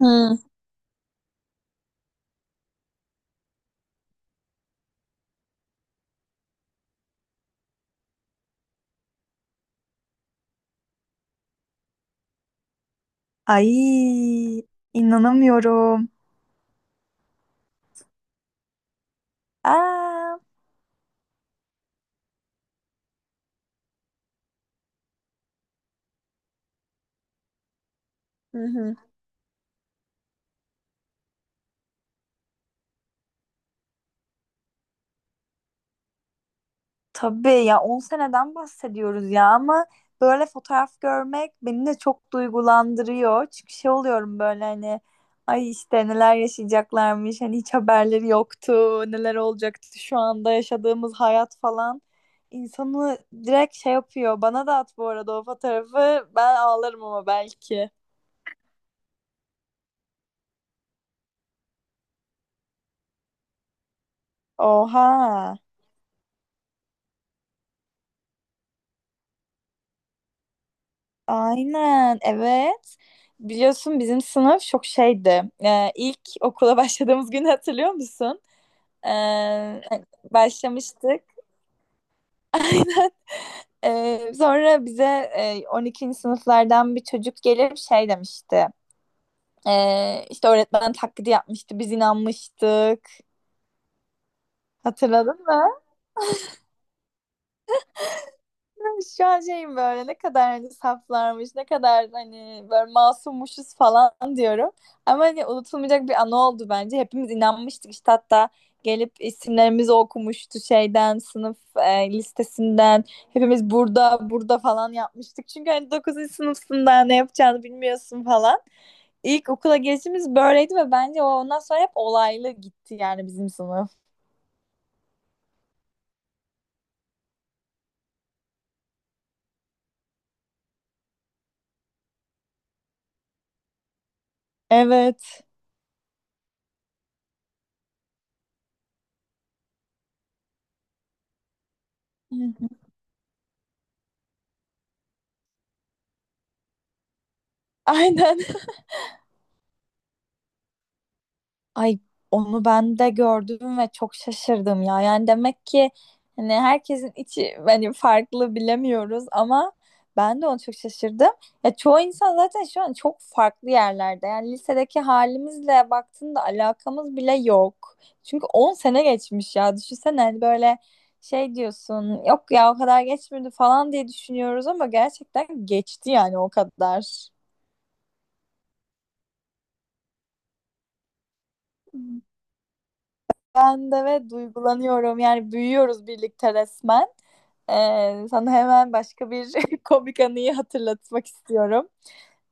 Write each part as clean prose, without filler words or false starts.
Hı. Ay inanamıyorum. Aa. Hı hı. Tabii ya, 10 seneden bahsediyoruz ya, ama böyle fotoğraf görmek beni de çok duygulandırıyor. Çünkü şey oluyorum böyle hani, ay işte neler yaşayacaklarmış, hani hiç haberleri yoktu neler olacaktı şu anda yaşadığımız hayat falan. İnsanı direkt şey yapıyor. Bana da at bu arada o fotoğrafı, ben ağlarım ama belki. Oha. Aynen, evet. Biliyorsun bizim sınıf çok şeydi. İlk okula başladığımız günü hatırlıyor musun? Ee, Başlamıştık. Aynen. Sonra bize 12. sınıflardan bir çocuk gelip şey demişti. İşte öğretmen taklidi yapmıştı, biz inanmıştık. Hatırladın mı? Şu an şeyim böyle, ne kadar hani saflarmış, ne kadar hani böyle masummuşuz falan diyorum. Ama hani unutulmayacak bir anı oldu bence. Hepimiz inanmıştık işte, hatta gelip isimlerimizi okumuştu şeyden, sınıf listesinden. Hepimiz burada, burada falan yapmıştık. Çünkü hani dokuzuncu sınıfsın, ne yapacağını bilmiyorsun falan. İlk okula gelişimiz böyleydi ve bence o, ondan sonra hep olaylı gitti yani bizim sınıf. Evet. Aynen. Ay, onu ben de gördüm ve çok şaşırdım ya. Yani demek ki hani herkesin içi hani farklı, bilemiyoruz, ama ben de onu çok şaşırdım. Ya, çoğu insan zaten şu an çok farklı yerlerde. Yani lisedeki halimizle baktığında alakamız bile yok. Çünkü 10 sene geçmiş ya. Düşünsene hani böyle şey diyorsun. Yok ya, o kadar geçmedi falan diye düşünüyoruz ama gerçekten geçti yani o kadar. Ben de, ve duygulanıyorum. Yani büyüyoruz birlikte resmen. Sana hemen başka bir komik anıyı hatırlatmak istiyorum.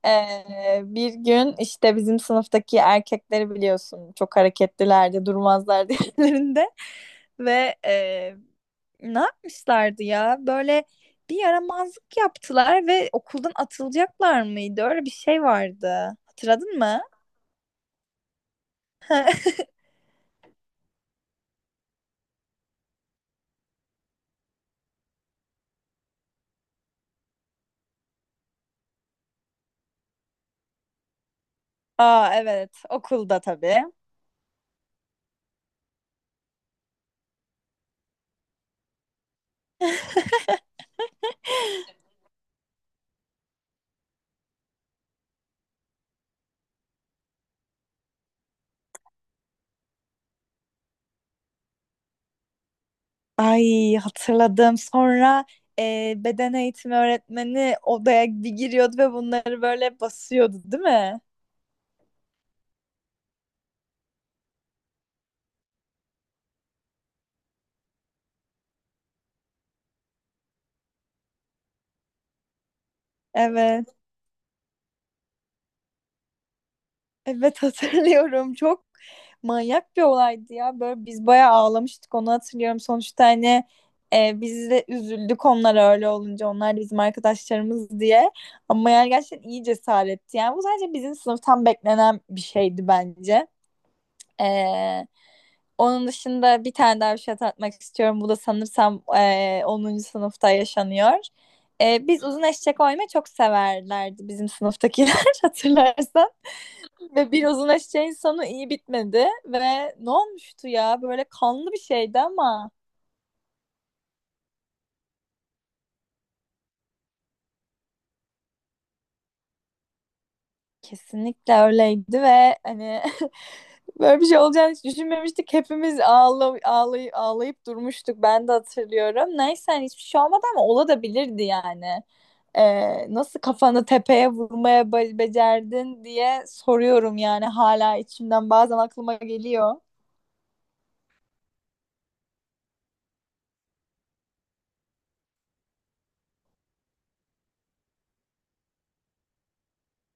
Bir gün işte bizim sınıftaki erkekleri biliyorsun, çok hareketlilerdi, durmazlardı yerlerinde. Ve ne yapmışlardı ya? Böyle bir yaramazlık yaptılar ve okuldan atılacaklar mıydı? Öyle bir şey vardı. Hatırladın mı? Aa, evet, okulda tabii. Ay, hatırladım. Sonra beden eğitimi öğretmeni odaya bir giriyordu ve bunları böyle basıyordu, değil mi? Evet. Evet, hatırlıyorum. Çok manyak bir olaydı ya. Böyle biz bayağı ağlamıştık, onu hatırlıyorum. Sonuçta hani biz de üzüldük onlara öyle olunca. Onlar da bizim arkadaşlarımız diye. Ama yani gerçekten iyi cesaretti. Yani bu sadece bizim sınıftan beklenen bir şeydi bence. Ee, Onun dışında bir tane daha bir şey hatırlatmak istiyorum. Bu da sanırsam 10. sınıfta yaşanıyor. Biz uzun eşek oynamayı çok severlerdi bizim sınıftakiler hatırlarsan. Ve bir uzun eşeğin sonu iyi bitmedi ve ne olmuştu ya, böyle kanlı bir şeydi ama. Kesinlikle öyleydi ve hani, böyle bir şey olacağını hiç düşünmemiştik. Hepimiz ağlayıp durmuştuk. Ben de hatırlıyorum. Neyse hani, hiçbir şey olmadı ama olabilirdi yani. Nasıl kafanı tepeye vurmaya be becerdin diye soruyorum yani, hala içimden bazen aklıma geliyor.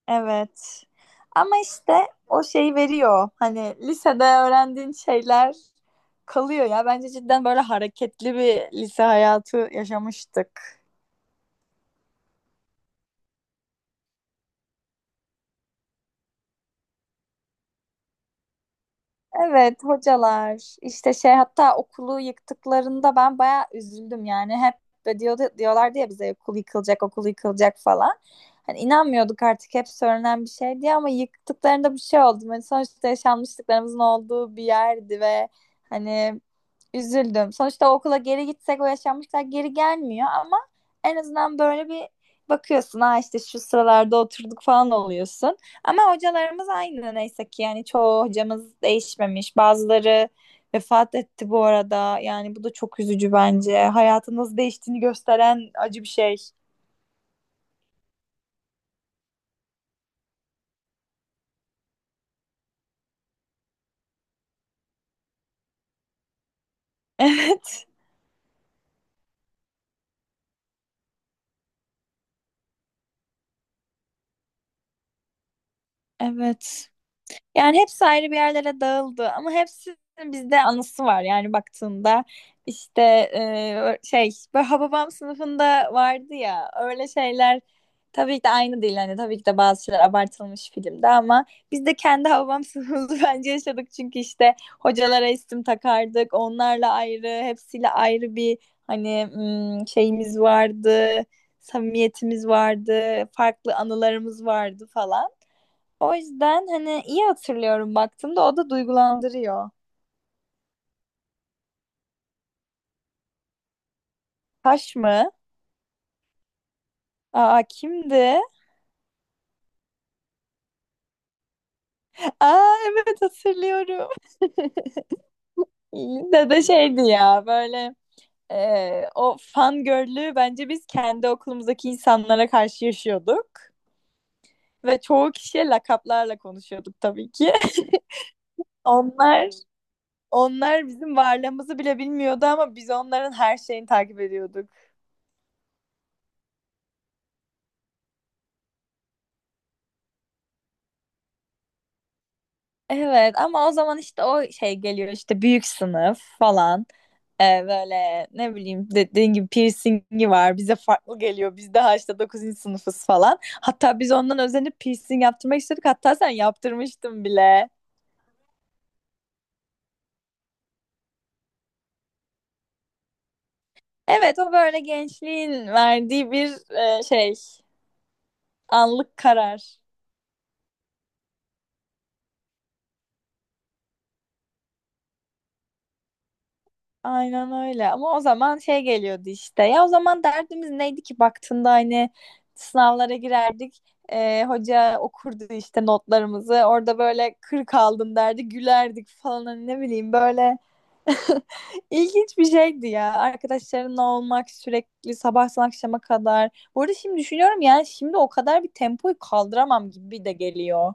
Evet. Ama işte, o şeyi veriyor. Hani lisede öğrendiğin şeyler kalıyor ya. Bence cidden böyle hareketli bir lise hayatı yaşamıştık. Evet, hocalar işte şey, hatta okulu yıktıklarında ben bayağı üzüldüm yani. Hep diyorlardı ya bize, okul yıkılacak, okul yıkılacak falan. Hani inanmıyorduk artık, hep söylenen bir şey diye, ama yıktıklarında bir şey oldu. Hani sonuçta yaşanmışlıklarımızın olduğu bir yerdi ve hani üzüldüm. Sonuçta o okula geri gitsek o yaşanmışlar geri gelmiyor, ama en azından böyle bir bakıyorsun, ha işte şu sıralarda oturduk falan oluyorsun. Ama hocalarımız aynı neyse ki, yani çoğu hocamız değişmemiş. Bazıları vefat etti bu arada. Yani bu da çok üzücü bence. Hayatın nasıl değiştiğini gösteren acı bir şey. Evet. Evet. Yani hepsi ayrı bir yerlere dağıldı, ama hepsinin bizde anısı var. Yani baktığında işte şey, böyle Hababam sınıfında vardı ya öyle şeyler, tabii ki de aynı değil. Hani tabii ki de bazı şeyler abartılmış filmde, ama biz de kendi Hababam sınıfımızı bence yaşadık. Çünkü işte hocalara isim takardık. Onlarla ayrı, hepsiyle ayrı bir hani şeyimiz vardı. Samimiyetimiz vardı, farklı anılarımız vardı falan. O yüzden hani iyi hatırlıyorum, baktığımda o da duygulandırıyor. Taş mı? Aa, kimdi? Aa, evet, hatırlıyorum. Yine de şeydi ya böyle, o fangirl'lüğü bence biz kendi okulumuzdaki insanlara karşı yaşıyorduk. Ve çoğu kişiye lakaplarla konuşuyorduk tabii ki. Onlar onlar bizim varlığımızı bile bilmiyordu, ama biz onların her şeyini takip ediyorduk. Evet, ama o zaman işte o şey geliyor, işte büyük sınıf falan. Böyle, ne bileyim, dediğin gibi piercingi var, bize farklı geliyor, biz daha işte 9. sınıfız falan. Hatta biz ondan özenip piercing yaptırmak istedik, hatta sen yaptırmıştın bile. Evet, o böyle gençliğin verdiği bir şey, anlık karar. Aynen öyle, ama o zaman şey geliyordu işte, ya, o zaman derdimiz neydi ki baktığında? Hani sınavlara girerdik, hoca okurdu işte notlarımızı orada, böyle 40 aldım derdi, gülerdik falan, hani ne bileyim, böyle ilginç bir şeydi ya, arkadaşlarınla olmak sürekli sabahtan akşama kadar. Bu arada şimdi düşünüyorum yani, şimdi o kadar bir tempoyu kaldıramam gibi de geliyor.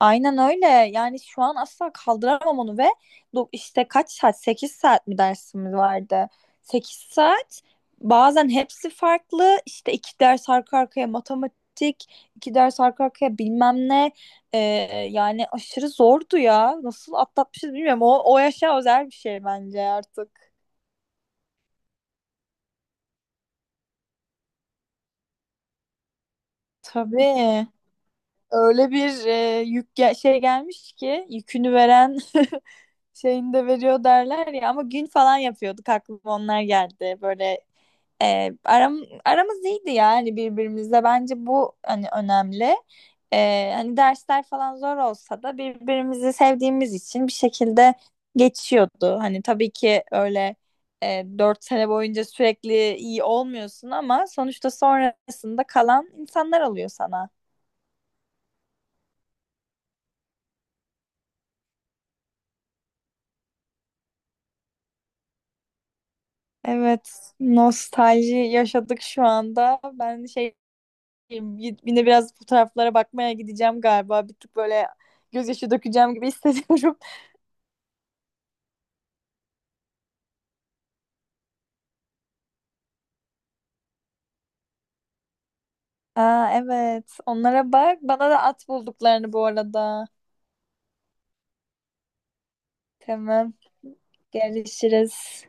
Aynen öyle. Yani şu an asla kaldıramam onu. Ve işte kaç saat? 8 saat mi dersimiz vardı? 8 saat. Bazen hepsi farklı. İşte iki ders arka arkaya matematik, iki ders arka arkaya bilmem ne. Ee, Yani aşırı zordu ya. Nasıl atlatmışız bilmiyorum. O yaşa özel bir şey bence artık. Tabii. Öyle bir şey gelmiş ki, yükünü veren şeyini de veriyor derler ya, ama gün falan yapıyorduk, aklıma onlar geldi böyle. e, aram, Aramız iyiydi yani birbirimizle, bence bu hani önemli. Hani dersler falan zor olsa da, birbirimizi sevdiğimiz için bir şekilde geçiyordu. Hani tabii ki öyle, 4 sene boyunca sürekli iyi olmuyorsun, ama sonuçta sonrasında kalan insanlar oluyor sana. Evet, nostalji yaşadık şu anda. Ben şey Yine biraz fotoğraflara bakmaya gideceğim galiba. Bir tık böyle gözyaşı dökeceğim gibi hissediyorum. Aa, evet. Onlara bak. Bana da at bulduklarını bu arada. Tamam. Görüşürüz.